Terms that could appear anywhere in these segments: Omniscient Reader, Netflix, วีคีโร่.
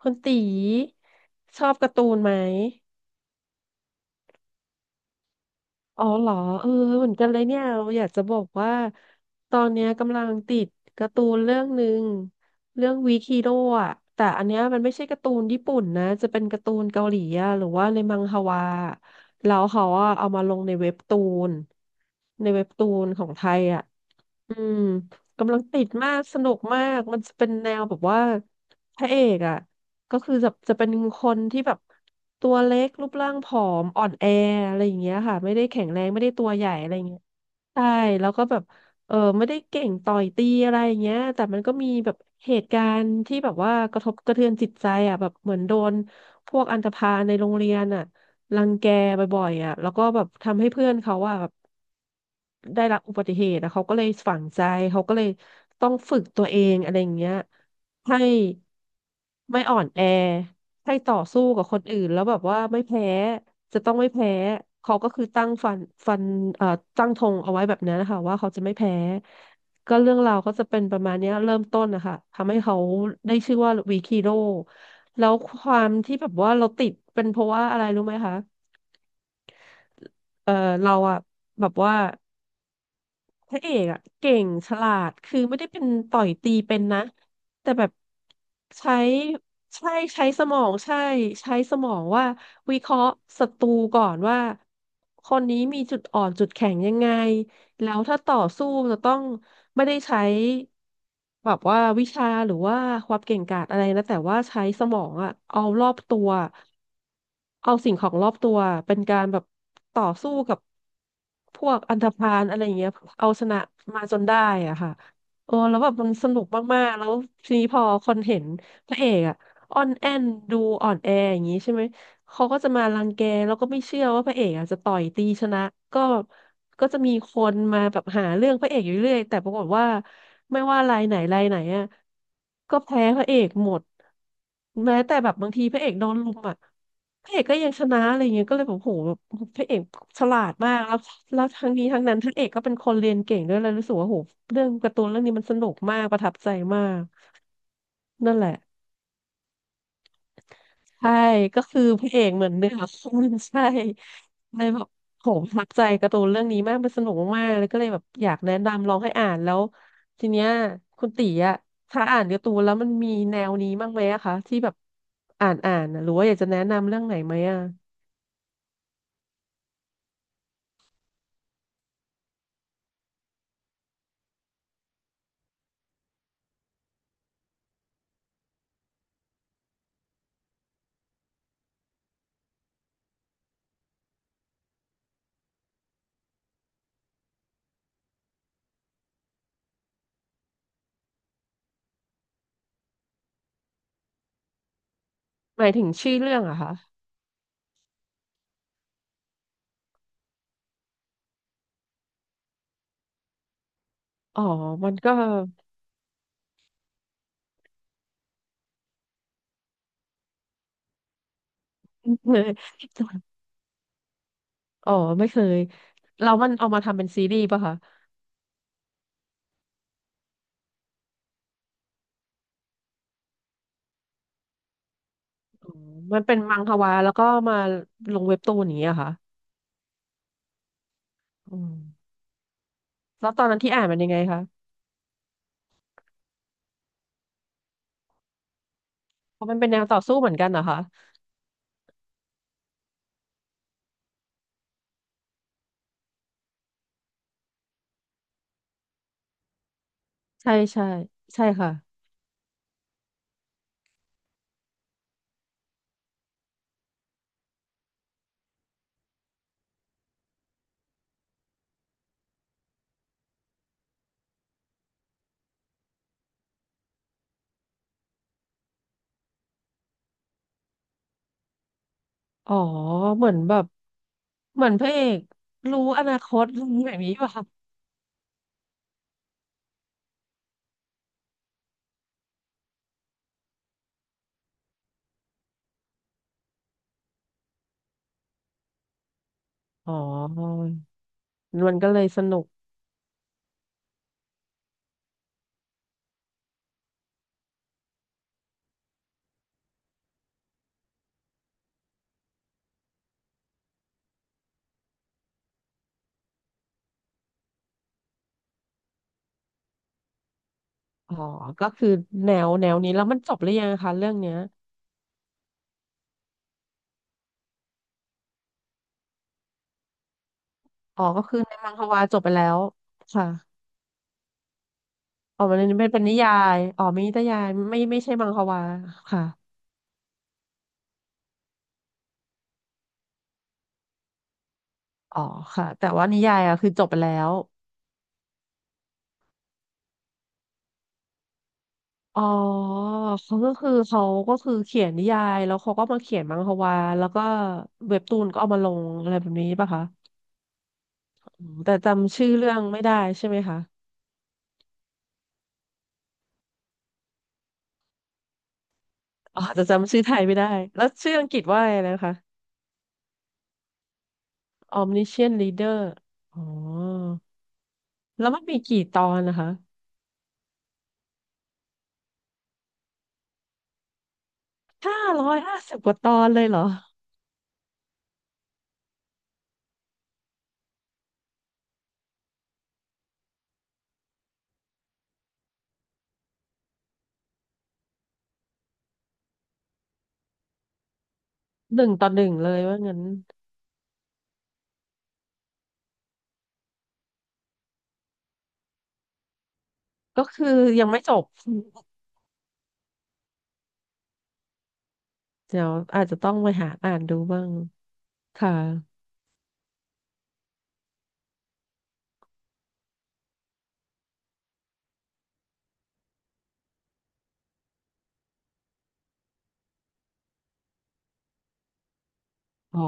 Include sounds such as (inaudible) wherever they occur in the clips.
คุณตีชอบการ์ตูนไหม? อ๋อเหรอ? เออเหมือนกันเลยเนี่ยเราอยากจะบอกว่าตอนเนี้ยกำลังติดการ์ตูนเรื่องหนึ่งเรื่องวีคีโร่อะแต่อันเนี้ยมันไม่ใช่การ์ตูนญี่ปุ่นนะจะเป็นการ์ตูนเกาหลีอะหรือว่าในมังฮวาแล้วเขาอะเอามาลงในเว็บตูนในเว็บตูนของไทยอะ อืมกำลังติดมากสนุกมากมันจะเป็นแนวแบบว่าพระเอกอ่ะก็คือจะเป็นคนที่แบบตัวเล็กรูปร่างผอมอ่อนแออะไรอย่างเงี้ยค่ะไม่ได้แข็งแรงไม่ได้ตัวใหญ่อะไรอย่างเงี้ยใช่แล้วก็แบบเออไม่ได้เก่งต่อยตีอะไรอย่างเงี้ยแต่มันก็มีแบบเหตุการณ์ที่แบบว่ากระทบกระเทือนจิตใจอ่ะแบบเหมือนโดนพวกอันธพาลในโรงเรียนอ่ะรังแกบ่อยๆอ่ะแล้วก็แบบทำให้เพื่อนเขาอ่ะแบบ ได้รับอุบัติเหตุแล้วเขาก็เลยฝังใจเขาก็เลยต้องฝึกตัวเองอะไรอย่างเงี้ยให้ไม่อ่อนแอให้ต่อสู้กับคนอื่นแล้วแบบว่าไม่แพ้จะต้องไม่แพ้เขาก็คือตั้งฟันฟันเอ่อตั้งธงเอาไว้แบบนั้นนะคะว่าเขาจะไม่แพ้ก็เรื่องราวก็จะเป็นประมาณเนี้ยเริ่มต้นนะคะทำให้เขาได้ชื่อว่าวีคีโร่แล้วความที่แบบว่าเราติดเป็นเพราะว่าอะไรรู้ไหมคะ?เออเราอะแบบว่า พระเอกอะเก่งฉลาดคือไม่ได้เป็นต่อยตีเป็นนะแต่แบบใช้ใช่ใช้สมองใช่ใช้สมองว่าวิเคราะห์ศัตรูก่อนว่าคนนี้มีจุดอ่อนจุดแข็งยังไง แล้วถ้าต่อสู้จะต้องไม่ได้ใช้แบบว่าวิชาหรือว่าความเก่งกาจอะไรนะแต่ว่าใช้สมองอะเอารอบตัวเอาสิ่งของรอบตัวเป็นการแบบต่อสู้กับพวกอันธพาลอะไรอย่างเงี้ยเอาชนะมาจนได้อ่ะค่ะโอ้แล้วแบบมันสนุกมากๆแล้วทีนี้พอคนเห็นพระเอกอะอ่อนแอนดูอ่อนแออย่างงี้ใช่ไหม เขาก็จะมารังแกแล้วก็ไม่เชื่อว่าพระเอกอ่ะจะต่อยตีชนะก็ก็จะมีคนมาแบบหาเรื่องพระเอกอยู่เรื่อยแต่ปรากฏว่าไม่ว่ารายไหนรายไหนอ่ะก็แพ้พระเอกหมดแม้แต่แบบบางทีพระเอกโดนลุมอ่ะพระเอกก็ยังชนะอะไรเงี้ยก็เลยแบบโหแบบพระเอกฉลาดมากแล้วทั้งนี้ทั้งนั้นพระเอกก็เป็นคนเรียนเก่งด้วยเลยรู้สึกว่าโหเรื่องการ์ตูนเรื่องนี้มันสนุกมากประทับใจมากนั่นแหละ ใช่ก็คือพระเอกเหมือนเหนือคนใช่เลยแบบโหประทับใจการ์ตูนเรื่องนี้มากมันสนุกมากๆเลยก็เลยแบบอยากแนะนำลองให้อ่านแล้วทีเนี้ยคุณตีอะถ้าอ่านการ์ตูนแล้วมันมีแนวนี้บ้างไหมอะคะที่แบบอ่านอ่านนะหรือว่าอยากจะแนะนำเรื่องไหนไหมอะ?หมายถึงชื่อเรื่องอะคะ?อ๋อมันก็ (laughs) อ๋อไม่เคยแล้วมัน (laughs) เอามาทำเป็นซีรีส์ป่ะคะ?อ๋อมันเป็นมังฮวาแล้วก็มาลงเว็บตูนอย่างเงี้ยเหรอค่ะ?อืม แล้วตอนนั้นที่อ่านมันยังไงคะ? เพราะมันเป็นแนวต่อสู้เหมือนกันเหรอคะ?ใช่ใช่ใช่ค่ะอ๋อเหมือนแบบเหมือนพระเอกรู้อนาคตอะไรแบบนี้ป่ะคะ?อ๋อมันก็เลยสนุกอ๋อก็คือแนวนี้แล้วมันจบหรือยังคะเรื่องเนี้ย?อ๋อก็คือในมังฮวาจบไปแล้วค่ะอ๋อมันเป็นนิยายอ๋อมีนิยายไม่ใช่มังฮวาค่ะอ๋อค่ะแต่ว่านิยายอะคือจบไปแล้ว อ๋อเขาก็คือเขียนนิยายแล้วเขาก็มาเขียนมังฮวาแล้วก็เว็บตูนก็เอามาลงอะไรแบบนี้ป่ะคะ?อืมแต่จำชื่อเรื่องไม่ได้ใช่ไหมคะ?อ๋อจะจำชื่อไทยไม่ได้แล้วชื่ออังกฤษว่าอะไรนะคะ? Omniscient Reader อ๋อแล้วมันมีกี่ตอนนะคะ?550กว่าตอนเลยเหรอ?หนึ่งต่อหนึ่งเลยว่างั้นก็คือยังไม่จบ (laughs) เดี๋ยวอาจจะต้องไปหาอ่านดูบ้างค่ะอ๋อ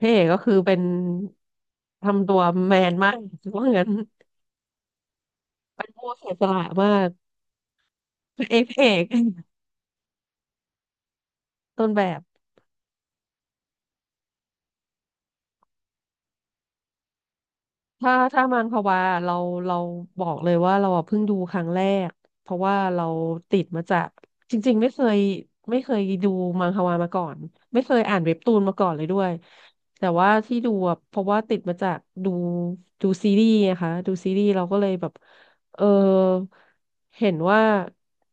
พี่เอกก็คือเป็นทำตัวแมนมากถือว่างั้นเป็นผู้เสียสละมากพระเอกพระเอกต้นแบบถ้ามังควาเราเราบอกเลยว่าเราอะเพิ่งดูครั้งแรกเพราะว่าเราติดมาจากจริงๆไม่เคยดูมังความาก่อนไม่เคยอ่านเว็บตูนมาก่อนเลยด้วยแต่ว่าที่ดูอะเพราะว่าติดมาจากดูดูซีรีส์นะคะดูซีรีส์เราก็เลยแบบ เออเห็นว่า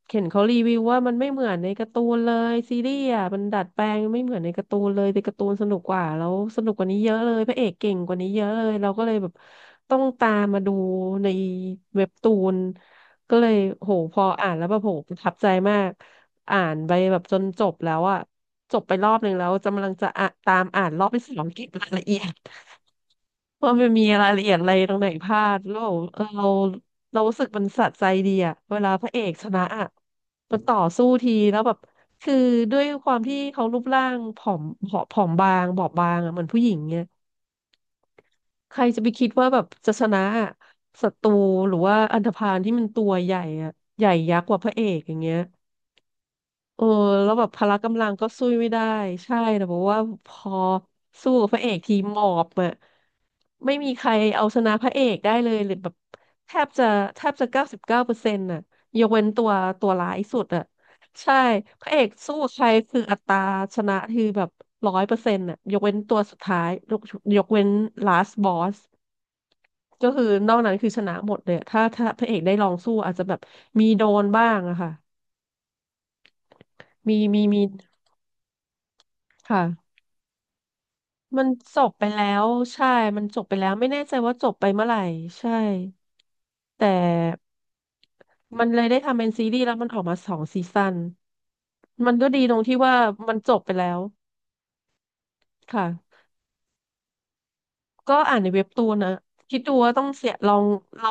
เห็นเขารีวิวว่ามันไม่เหมือนในการ์ตูนเลยซีรีส์อ่ะมันดัดแปลงไม่เหมือนในการ์ตูนเลยในการ์ตูนสนุกกว่าแล้วสนุกกว่านี้เยอะเลยพระเอกเก่งกว่านี้เยอะเลยเราก็เลยแบบต้องตามมาดูในเว็บตูนก็เลยโหพออ่านแล้วแบบโหประทับใจมากอ่านไปแบบจนจบแล้วอ่ะจบไปรอบหนึ่งแล้วกำลังจะอ่ะตามอ่านรอบที่สองเก็บรายละเอียด (laughs) ว่ามันมีรายละเอียดอะไรตรงไหนพลาดแล้วเรา เรารู้สึกมันสะใจดีอะเวลาพระเอกชนะอะมันต่อสู้ทีแล้วแบบคือด้วยความที่เขารูปร่างผอมบางบอบบางอะเหมือนผู้หญิงเนี่ยใครจะไปคิดว่าแบบจะชนะอะศัตรูหรือว่าอันธพาลที่มันตัวใหญ่อะใหญ่ยักษ์กว่าพระเอกอย่างเงี้ย เออแล้วแบบพละกำลังก็สู้ไม่ได้ใช่แต่บอกว่าพอสู้กับพระเอกทีหมอบอะไม่มีใครเอาชนะพระเอกได้เลยหรือแบบแทบจะแทบจะ99%น่ะยกเว้นตัวร้ายสุดอะใช่พระเอกสู้ใครคืออัตราชนะคือแบบ100%น่ะยกเว้นตัวสุดท้ายยกเว้น last boss ก็คือนอกนั้นคือชนะหมดเลยอะถ้าพระเอกได้ลองสู้อาจจะแบบมีโดนบ้างอะค่ะมี ค่ะมันจบไปแล้วใช่มันจบไปแล้วไม่แน่ใจว่าจบไปเมื่อไหร่ใช่แต่มันเลยได้ทำเป็นซีรีส์แล้วมันออกมาสองซีซั่นมันก็ดีตรงที่ว่ามันจบไปแล้วค่ะก็อ่านในเว็บตูนนะคิดดูว่าต้องเสียลองเรา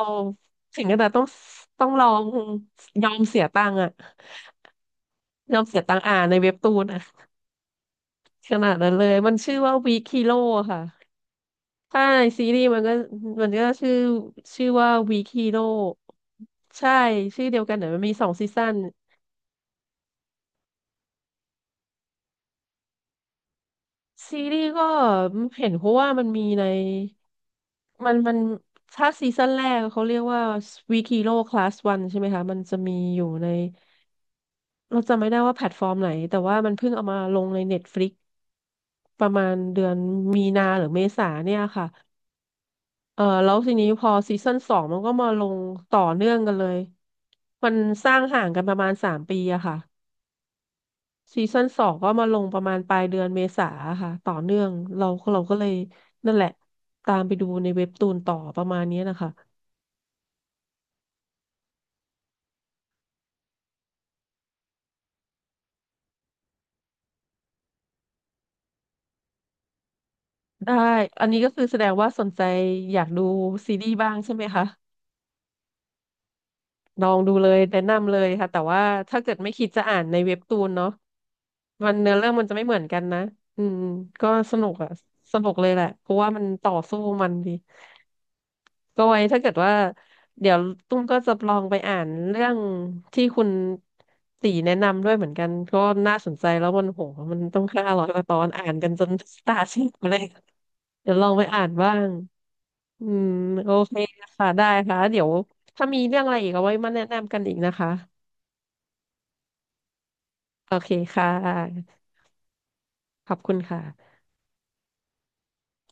ถึงขนาดต้องลองยอมเสียตังค์อะยอมเสียตังค์อ่านในเว็บตูนอะขนาดนั้นเลยมันชื่อว่าวีคิโ o ค่ะ ใช่ซีรีส์มันก็มันก็ชื่อชื่อว่าวีค h โ r o ใช่ชื่อเดียวกันแต่มันมีสองซีซั่นซีรีส์ก็เห็นเพราะว่ามันมีในมันถ้าซีซั่นแรกเขาเรียกว่าวีค h โ r o คลาส s ันงใช่ไหมคะมันจะมีอยู่ในเราจำไม่ได้ว่าแพลตฟอร์มไหนแต่ว่ามันเพิ่งเอามาลงใน Netflix ประมาณเดือนมีนาหรือเมษาเนี่ยค่ะ เออแล้วทีนี้พอซีซั่นสองมันก็มาลงต่อเนื่องกันเลยมันสร้างห่างกันประมาณ3 ปีอะค่ะซีซั่นสองก็มาลงประมาณปลายเดือนเมษาค่ะต่อเนื่องเราเราก็เลยนั่นแหละตามไปดูในเว็บตูนต่อประมาณนี้นะคะได้อันนี้ก็คือแสดงว่าสนใจอยากดูซีรีส์บ้างใช่ไหมคะลองดูเลยแนะนำเลยค่ะแต่ว่าถ้าเกิดไม่คิดจะอ่านในเว็บตูนเนาะ มันเนื้อเรื่องมันจะไม่เหมือนกันนะอืมก็สนุกอะสนุกเลยแหละเพราะว่ามันต่อสู้มันดีก็ไว้ถ้าเกิดว่าเดี๋ยวตุ้มก็จะลองไปอ่านเรื่องที่คุณตีแนะนำด้วยเหมือนกันก็น่าสนใจแล้วมันโหมันต้อง500 กว่าตอนอ่านกันจน (laughs) ตาซีดมาเลยเดี๋ยวลองไปอ่านบ้างอืมโอเคค่ะได้ค่ะเดี๋ยวถ้ามีเรื่องอะไรอีกเอาไว้มาแนะนำกันอีกนะคะโอเคค่ะขอบคุณค่ะ